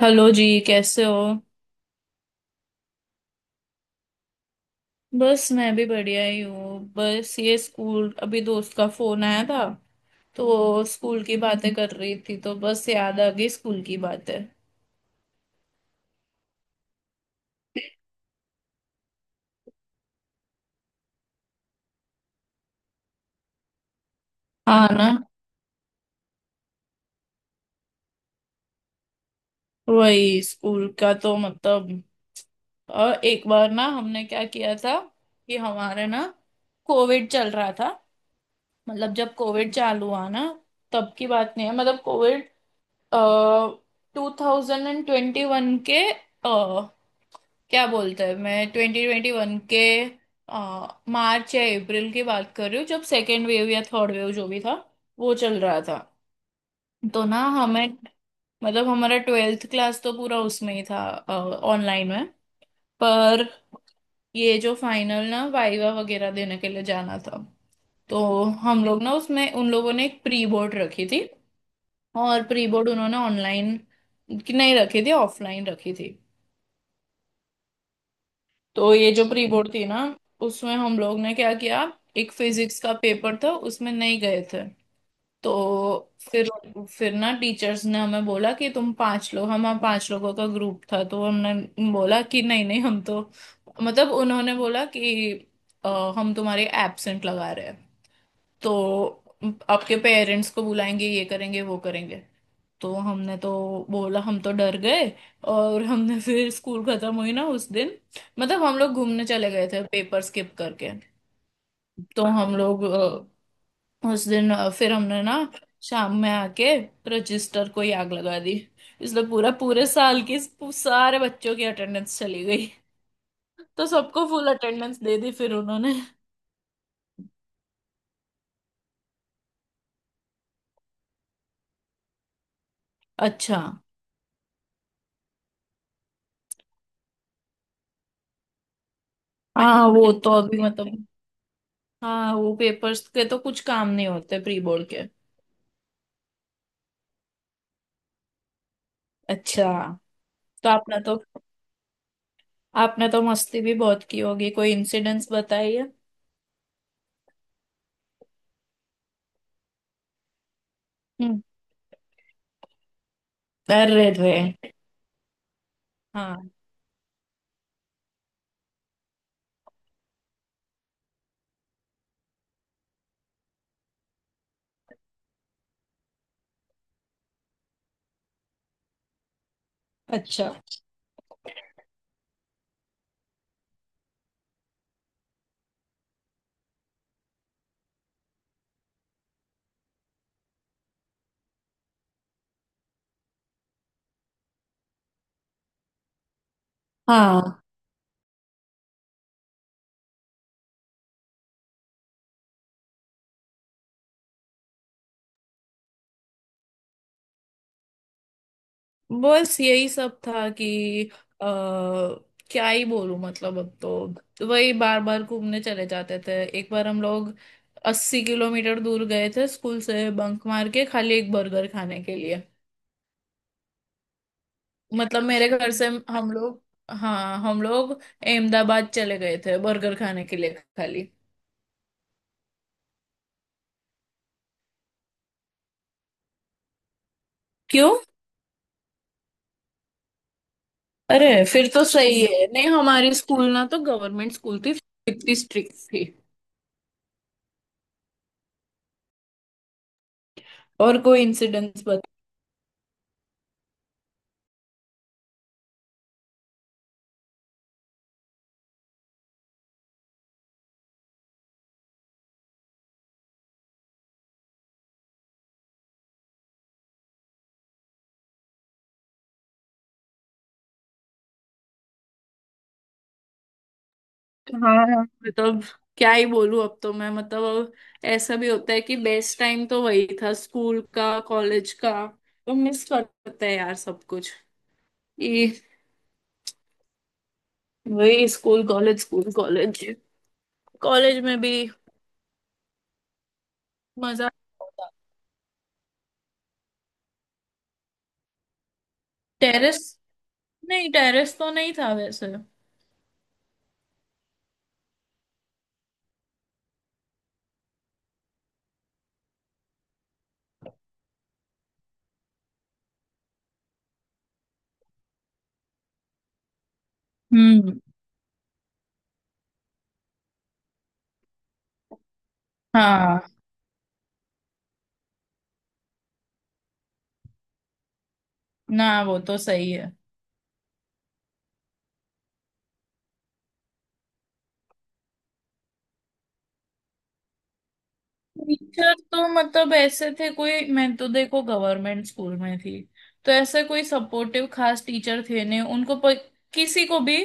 Hello जी कैसे हो। बस मैं भी बढ़िया ही हूँ। बस ये स्कूल अभी दोस्त का फोन आया था तो वो स्कूल की बातें कर रही थी तो बस याद आ गई स्कूल की बातें। हाँ ना। वही स्कूल का तो मतलब एक बार ना हमने क्या किया था कि हमारे ना कोविड चल रहा था। मतलब जब कोविड चालू हुआ ना तब की बात नहीं है। मतलब कोविड 2021 के क्या बोलते हैं, मैं 2021 के मार्च या अप्रैल की बात कर रही हूँ जब सेकेंड वेव या थर्ड वेव जो भी था वो चल रहा था। तो ना हमें मतलब हमारा ट्वेल्थ क्लास तो पूरा उसमें ही था, ऑनलाइन में। पर ये जो फाइनल ना वाइवा वगैरह देने के लिए जाना था, तो हम लोग ना उसमें उन लोगों ने एक प्री बोर्ड रखी थी। और प्री बोर्ड उन्होंने ऑनलाइन की नहीं रखी थी, ऑफलाइन रखी थी। तो ये जो प्री बोर्ड थी ना उसमें हम लोग ने क्या किया, एक फिजिक्स का पेपर था उसमें नहीं गए थे। तो फिर ना टीचर्स ने हमें बोला कि तुम पांच लोग हम पांच लोगों का ग्रुप था तो हमने बोला कि नहीं नहीं हम तो मतलब उन्होंने बोला कि हम तुम्हारे एब्सेंट लगा रहे हैं तो आपके पेरेंट्स को बुलाएंगे ये करेंगे वो करेंगे। तो हमने तो बोला हम तो डर गए और हमने फिर स्कूल खत्म हुई ना उस दिन, मतलब हम लोग घूमने चले गए थे पेपर स्किप करके। तो हम लोग उस दिन फिर हमने ना शाम में आके रजिस्टर को ही आग लगा दी। इसलिए पूरा पूरे साल की सारे बच्चों की अटेंडेंस चली गई। तो सबको फुल अटेंडेंस दे दी फिर उन्होंने। अच्छा। हाँ वो तो अभी मतलब हाँ वो पेपर्स के तो कुछ काम नहीं होते प्री बोर्ड के। अच्छा। तो आपने तो मस्ती भी बहुत की होगी, कोई इंसिडेंस बताइए। हम्म। कर रहे थे। हाँ। अच्छा। हाँ। बस यही सब था कि आ, क्या ही बोलूं मतलब अब तो वही बार बार घूमने चले जाते थे। एक बार हम लोग 80 किलोमीटर दूर गए थे स्कूल से बंक मार के खाली एक बर्गर खाने के लिए। मतलब मेरे घर से हम लोग हाँ हम लोग अहमदाबाद चले गए थे बर्गर खाने के लिए खाली। क्यों अरे फिर तो सही है। नहीं हमारी स्कूल ना तो गवर्नमेंट स्कूल थी, इतनी स्ट्रिक्ट थी। और कोई इंसिडेंट्स बता। हाँ हाँ, मतलब क्या ही बोलूं। अब तो मैं मतलब अब ऐसा भी होता है कि बेस्ट टाइम तो वही था स्कूल का कॉलेज का। तो मिस करते हैं यार सब कुछ। ये वही स्कूल कॉलेज कॉलेज में भी मजा आता। टेरेस नहीं, टेरेस तो नहीं था वैसे। हम्म। हाँ ना वो तो सही है। टीचर तो मतलब ऐसे थे कोई, मैं तो देखो गवर्नमेंट स्कूल में थी तो ऐसे कोई सपोर्टिव खास टीचर थे नहीं। उनको किसी को भी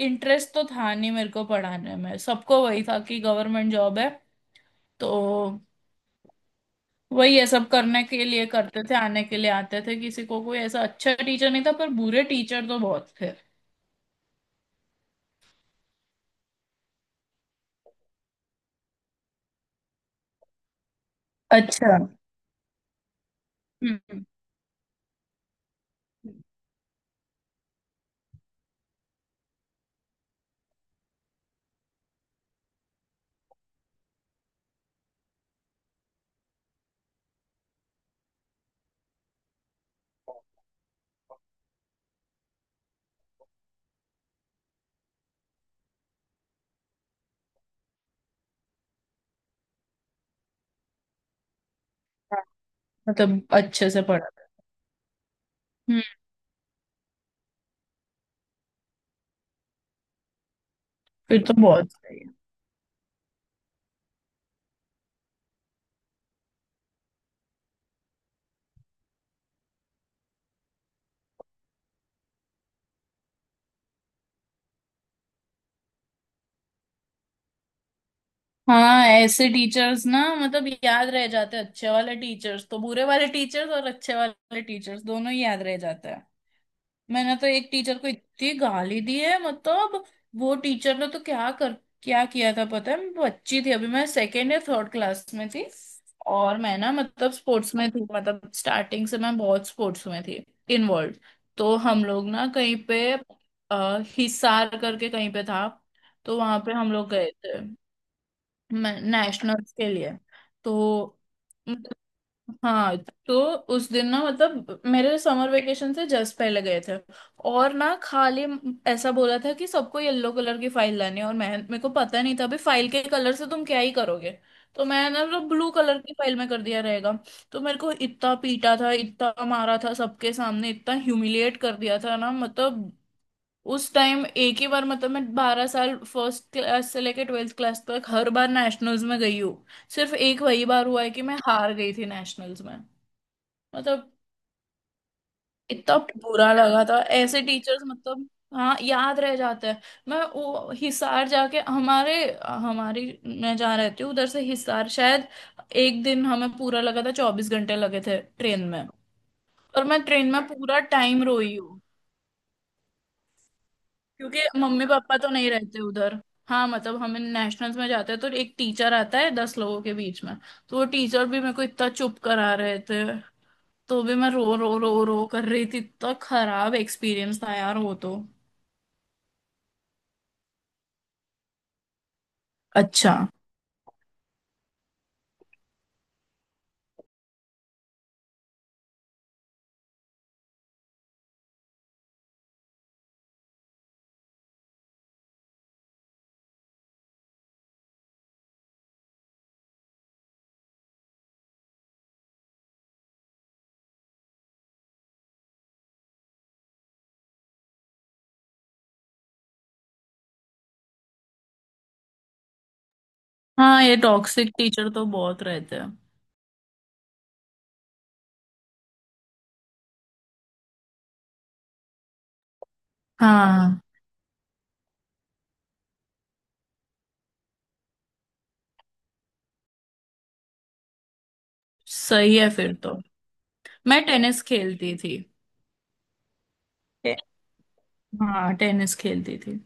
इंटरेस्ट तो था नहीं मेरे को पढ़ाने में, सबको वही था कि गवर्नमेंट जॉब है तो वही है, सब करने के लिए करते थे आने के लिए आते थे। किसी को कोई ऐसा अच्छा टीचर नहीं था पर बुरे टीचर तो बहुत थे। अच्छा। हम्म हम्म। हाँ, मतलब अच्छे से पढ़ाते। हम्म। फिर तो बहुत सही है। हाँ ऐसे टीचर्स ना मतलब याद रह जाते हैं। अच्छे वाले टीचर्स तो बुरे वाले टीचर्स और अच्छे वाले टीचर्स दोनों ही याद रह जाते हैं। मैंने तो एक टीचर को इतनी गाली दी है मतलब वो टीचर ने तो क्या किया था पता है? मैं बच्ची थी अभी, मैं सेकेंड या थर्ड क्लास में थी। और मैं ना मतलब स्पोर्ट्स में थी, मतलब स्टार्टिंग से मैं बहुत स्पोर्ट्स में थी इन्वॉल्व। तो हम लोग ना कहीं पे हिसार करके कहीं पे था। तो वहां पे हम लोग गए थे नेशनल्स के लिए। तो मतलब, हाँ तो उस दिन ना मतलब मेरे समर वेकेशन से जस्ट पहले गए थे। और ना खाली ऐसा बोला था कि सबको येलो कलर की फाइल लानी है और मैं मेरे को पता नहीं था अभी फाइल के कलर से तुम क्या ही करोगे। तो मैंने ना ब्लू कलर की फाइल में कर दिया रहेगा। तो मेरे को इतना पीटा था, इतना मारा था, सबके सामने इतना ह्यूमिलिएट कर दिया था ना मतलब। उस टाइम एक ही बार मतलब मैं 12 साल फर्स्ट क्लास से लेकर ट्वेल्थ क्लास तक हर बार नेशनल्स में गई हूँ। सिर्फ एक वही बार हुआ है कि मैं हार गई थी नेशनल्स में। मतलब इतना बुरा लगा था। ऐसे टीचर्स मतलब हाँ याद रह जाते हैं। मैं वो हिसार जाके हमारे हमारी मैं जहाँ रहती हूँ उधर से हिसार शायद एक दिन हमें पूरा लगा था, 24 घंटे लगे थे ट्रेन में। और मैं ट्रेन में पूरा टाइम रोई हूँ। क्योंकि मम्मी पापा तो नहीं रहते उधर। हाँ मतलब हम नेशनल्स में जाते हैं तो एक टीचर आता है 10 लोगों के बीच में। तो वो टीचर भी मेरे को इतना चुप करा रहे थे तो भी मैं रो रो रो रो कर रही थी। इतना खराब एक्सपीरियंस था यार वो तो। अच्छा। हाँ ये टॉक्सिक टीचर तो बहुत रहते हैं। हाँ सही है फिर तो। मैं टेनिस खेलती थी। टे- हाँ टेनिस खेलती थी।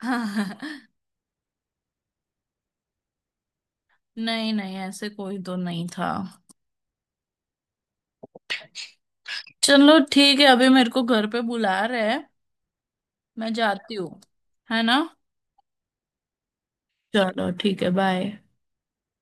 हाँ। नहीं नहीं ऐसे कोई तो नहीं था। चलो ठीक है अभी मेरे को घर पे बुला रहे हैं। मैं जाती हूँ। है ना। चलो ठीक है बाय।